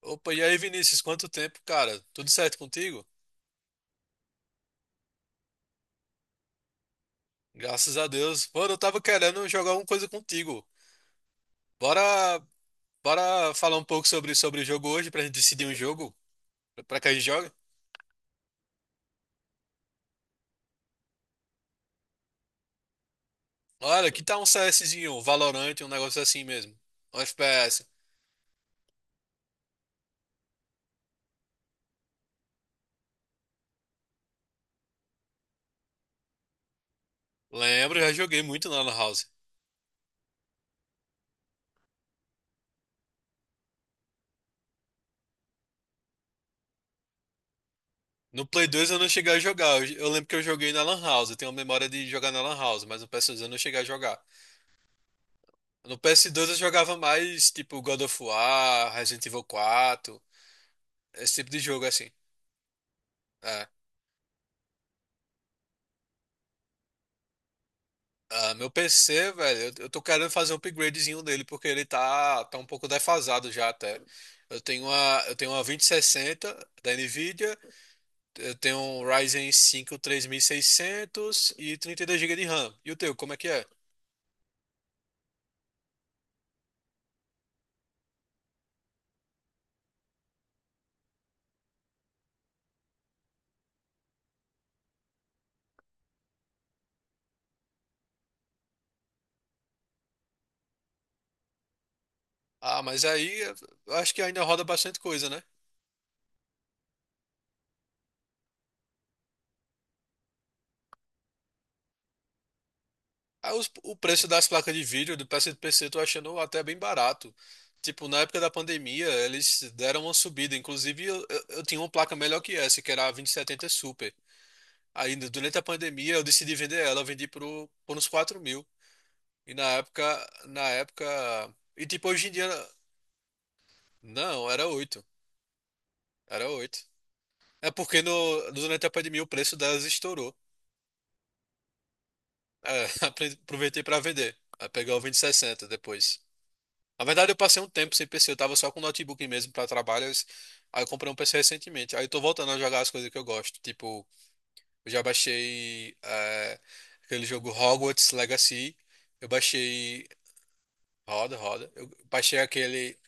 Opa, e aí, Vinícius, quanto tempo, cara? Tudo certo contigo? Graças a Deus. Mano, eu tava querendo jogar alguma coisa contigo. Bora, bora falar um pouco sobre o jogo hoje pra gente decidir um jogo pra que a gente joga? Olha, que tal um CSzinho, um Valorant, um negócio assim mesmo. Um FPS. Lembro, já joguei muito na Lan House. No Play 2 eu não cheguei a jogar. Eu lembro que eu joguei na Lan House. Eu tenho a memória de jogar na Lan House, mas no PS2 eu não cheguei a jogar. No PS2 eu jogava mais tipo God of War, Resident Evil 4. Esse tipo de jogo, assim. É. Ah, meu PC, velho, eu tô querendo fazer um upgradezinho nele, porque ele tá um pouco defasado já até. Eu tenho uma 2060 da Nvidia, eu tenho um Ryzen 5 3600 e 32 GB de RAM. E o teu, como é que é? Ah, mas aí eu acho que ainda roda bastante coisa, né? O preço das placas de vídeo do PSPC eu tô achando até bem barato. Tipo, na época da pandemia, eles deram uma subida. Inclusive, eu tinha uma placa melhor que essa, que era a 2070 Super. Aí, durante a pandemia, eu decidi vender ela. Por uns 4 mil. E na época... E tipo, hoje em dia... Não, era oito. Era oito. É porque no, durante a pandemia o preço delas estourou. É, aproveitei para vender. Aí peguei o 2060 depois. Na verdade, eu passei um tempo sem PC, eu tava só com notebook mesmo pra trabalho. Aí eu comprei um PC recentemente. Aí eu tô voltando a jogar as coisas que eu gosto. Tipo, eu já baixei aquele jogo Hogwarts Legacy. Eu baixei. Roda, roda. Eu baixei aquele.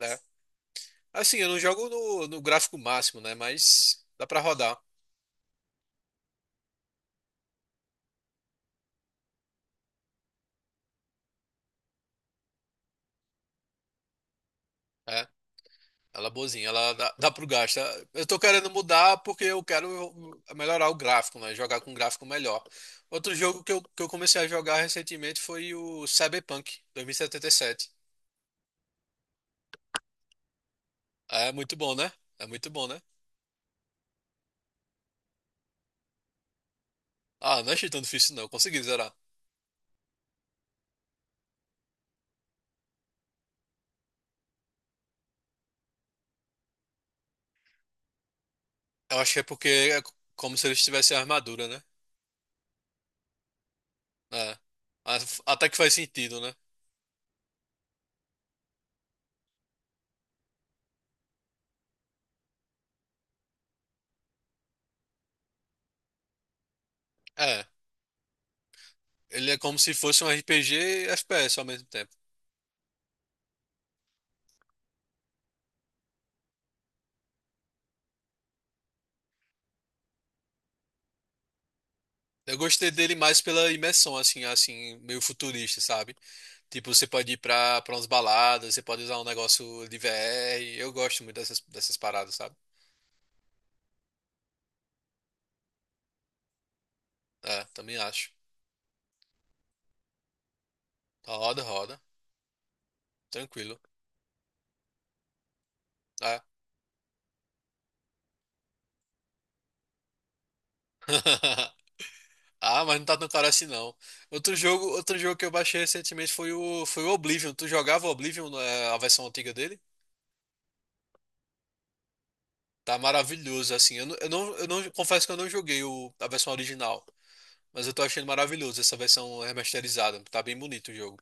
Né? Assim, eu não jogo no gráfico máximo, né? Mas dá pra rodar. Né? Ela é boazinha, ela dá, dá pro gasto. Eu tô querendo mudar porque eu quero melhorar o gráfico, né? Jogar com um gráfico melhor. Outro jogo que eu comecei a jogar recentemente foi o Cyberpunk 2077. É muito bom, né? É muito bom, né? Ah, não achei tão difícil não. Eu consegui zerar. Eu acho que é porque é como se eles tivessem armadura, né? É. Mas até que faz sentido, né? É. Ele é como se fosse um RPG e FPS ao mesmo tempo. Eu gostei dele mais pela imersão, assim, meio futurista, sabe? Tipo, você pode ir pra umas baladas, você pode usar um negócio de VR. Eu gosto muito dessas paradas, sabe? É, também acho. Roda, roda. Tranquilo. É. Ah, mas não tá tão caro assim não. Outro jogo que eu baixei recentemente foi foi o Oblivion. Tu jogava o Oblivion, é, a versão antiga dele? Tá maravilhoso, assim. Eu não confesso que eu não joguei a versão original, mas eu tô achando maravilhoso essa versão remasterizada. Tá bem bonito o jogo.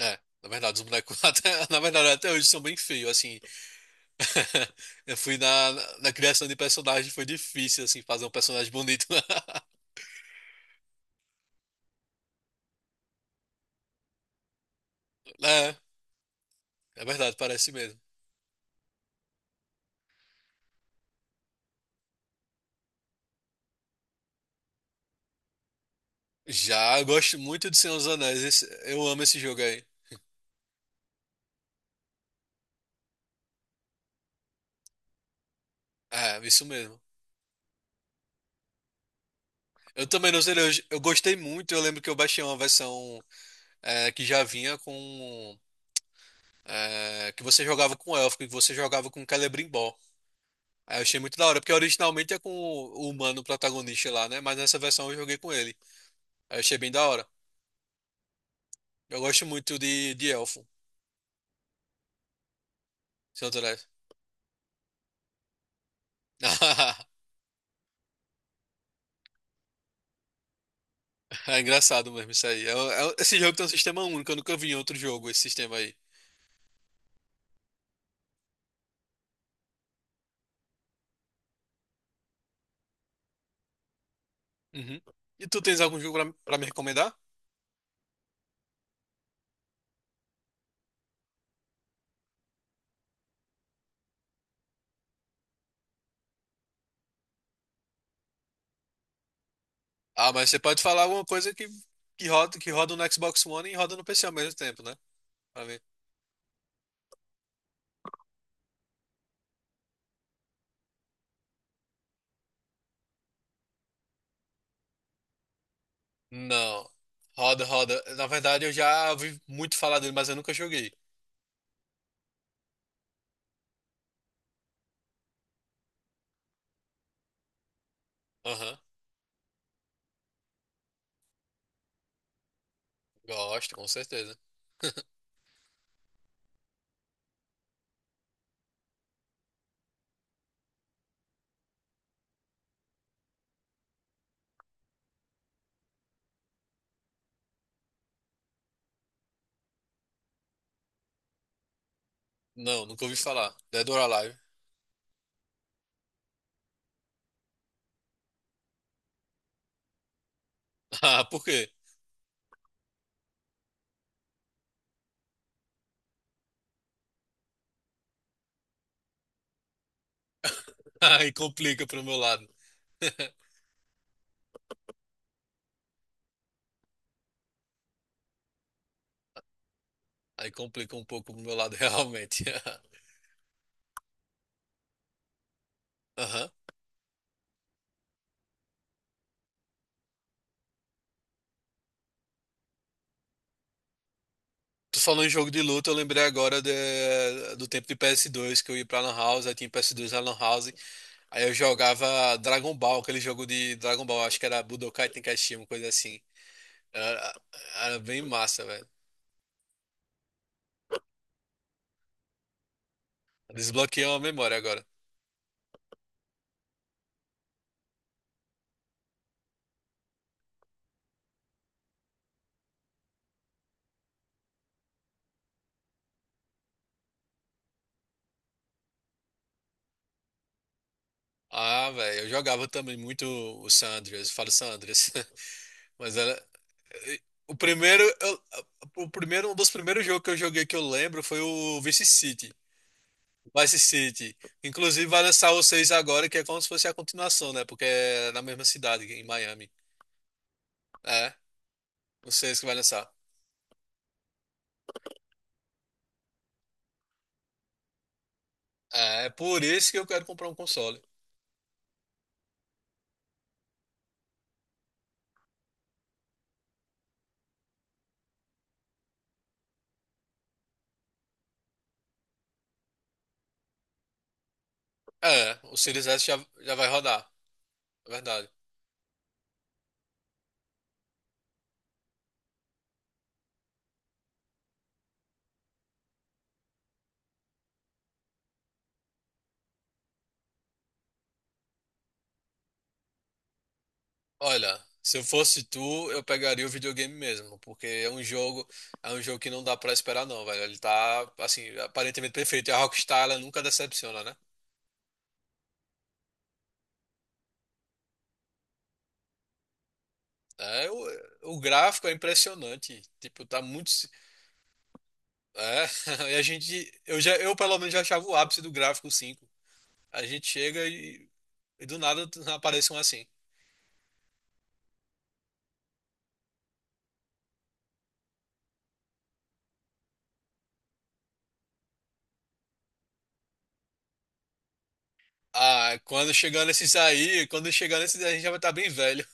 É, na verdade, os bonecos até, na verdade até hoje são bem feios, assim, Eu fui na criação de personagem, foi difícil, assim, fazer um personagem bonito. É, é verdade, parece mesmo. Já eu gosto muito de Senhor dos Anéis, eu amo esse jogo aí. É, isso mesmo. Eu também não sei, eu gostei muito, eu lembro que eu baixei uma versão que já vinha com... é, que você jogava com elfo, que você jogava com Celebrimbor. Aí eu achei muito da hora, porque originalmente é com o humano protagonista lá, né? Mas nessa versão eu joguei com ele. Aí eu achei bem da hora. Eu gosto muito de elfo. Seu Drive. É engraçado mesmo isso aí. Esse jogo tem um sistema único, eu nunca vi em outro jogo esse sistema aí. Uhum. E tu tens algum jogo pra me recomendar? Ah, mas você pode falar alguma coisa que roda no Xbox One e roda no PC ao mesmo tempo, né? Pra mim. Não. Roda, roda. Na verdade, eu já ouvi muito falar dele, mas eu nunca joguei. Aham. Gosto, com certeza. Não, nunca ouvi falar. Dead or Alive. Ah, por quê? Aí complica pro meu lado. Aí complica um pouco pro meu lado, realmente. Aham. Tu falou em jogo de luta, eu lembrei agora do tempo de PS2 que eu ia pra Lan House, aí tinha PS2 na Lan House, aí eu jogava Dragon Ball, aquele jogo de Dragon Ball, acho que era Budokai Tenkaichi, uma coisa assim. Era, era bem massa, velho. Desbloqueou a memória agora. Ah, velho, eu jogava também muito o San Andreas, eu falo San Andreas, mas era. O primeiro, eu- o primeiro, um dos primeiros jogos que eu joguei que eu lembro foi o Vice City. Vice City. Inclusive vai lançar o 6 agora, que é como se fosse a continuação, né? Porque é na mesma cidade, em Miami. É, o 6 que vai lançar. É, é por isso que eu quero comprar um console. É, o Series S já, já vai rodar, é verdade. Olha, se eu fosse tu, eu pegaria o videogame mesmo, porque é um jogo que não dá pra esperar não, velho. Ele tá, assim, aparentemente perfeito. E a Rockstar, ela nunca decepciona, né? É, o gráfico é impressionante. Tipo, tá muito. É, e a gente, eu já, eu pelo menos já achava o ápice do gráfico cinco. A gente chega e do nada aparece um assim. Ah, quando chegar nesses aí, a gente já vai estar bem velho.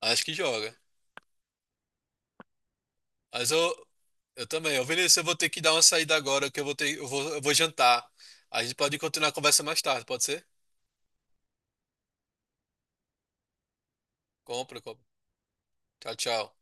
Acho que joga. Mas eu, eu também. Ô, Vinícius, eu vou ter que dar uma saída agora, que eu vou ter, eu vou jantar. A gente pode continuar a conversa mais tarde, pode ser? Compra, compra. Tchau, tchau.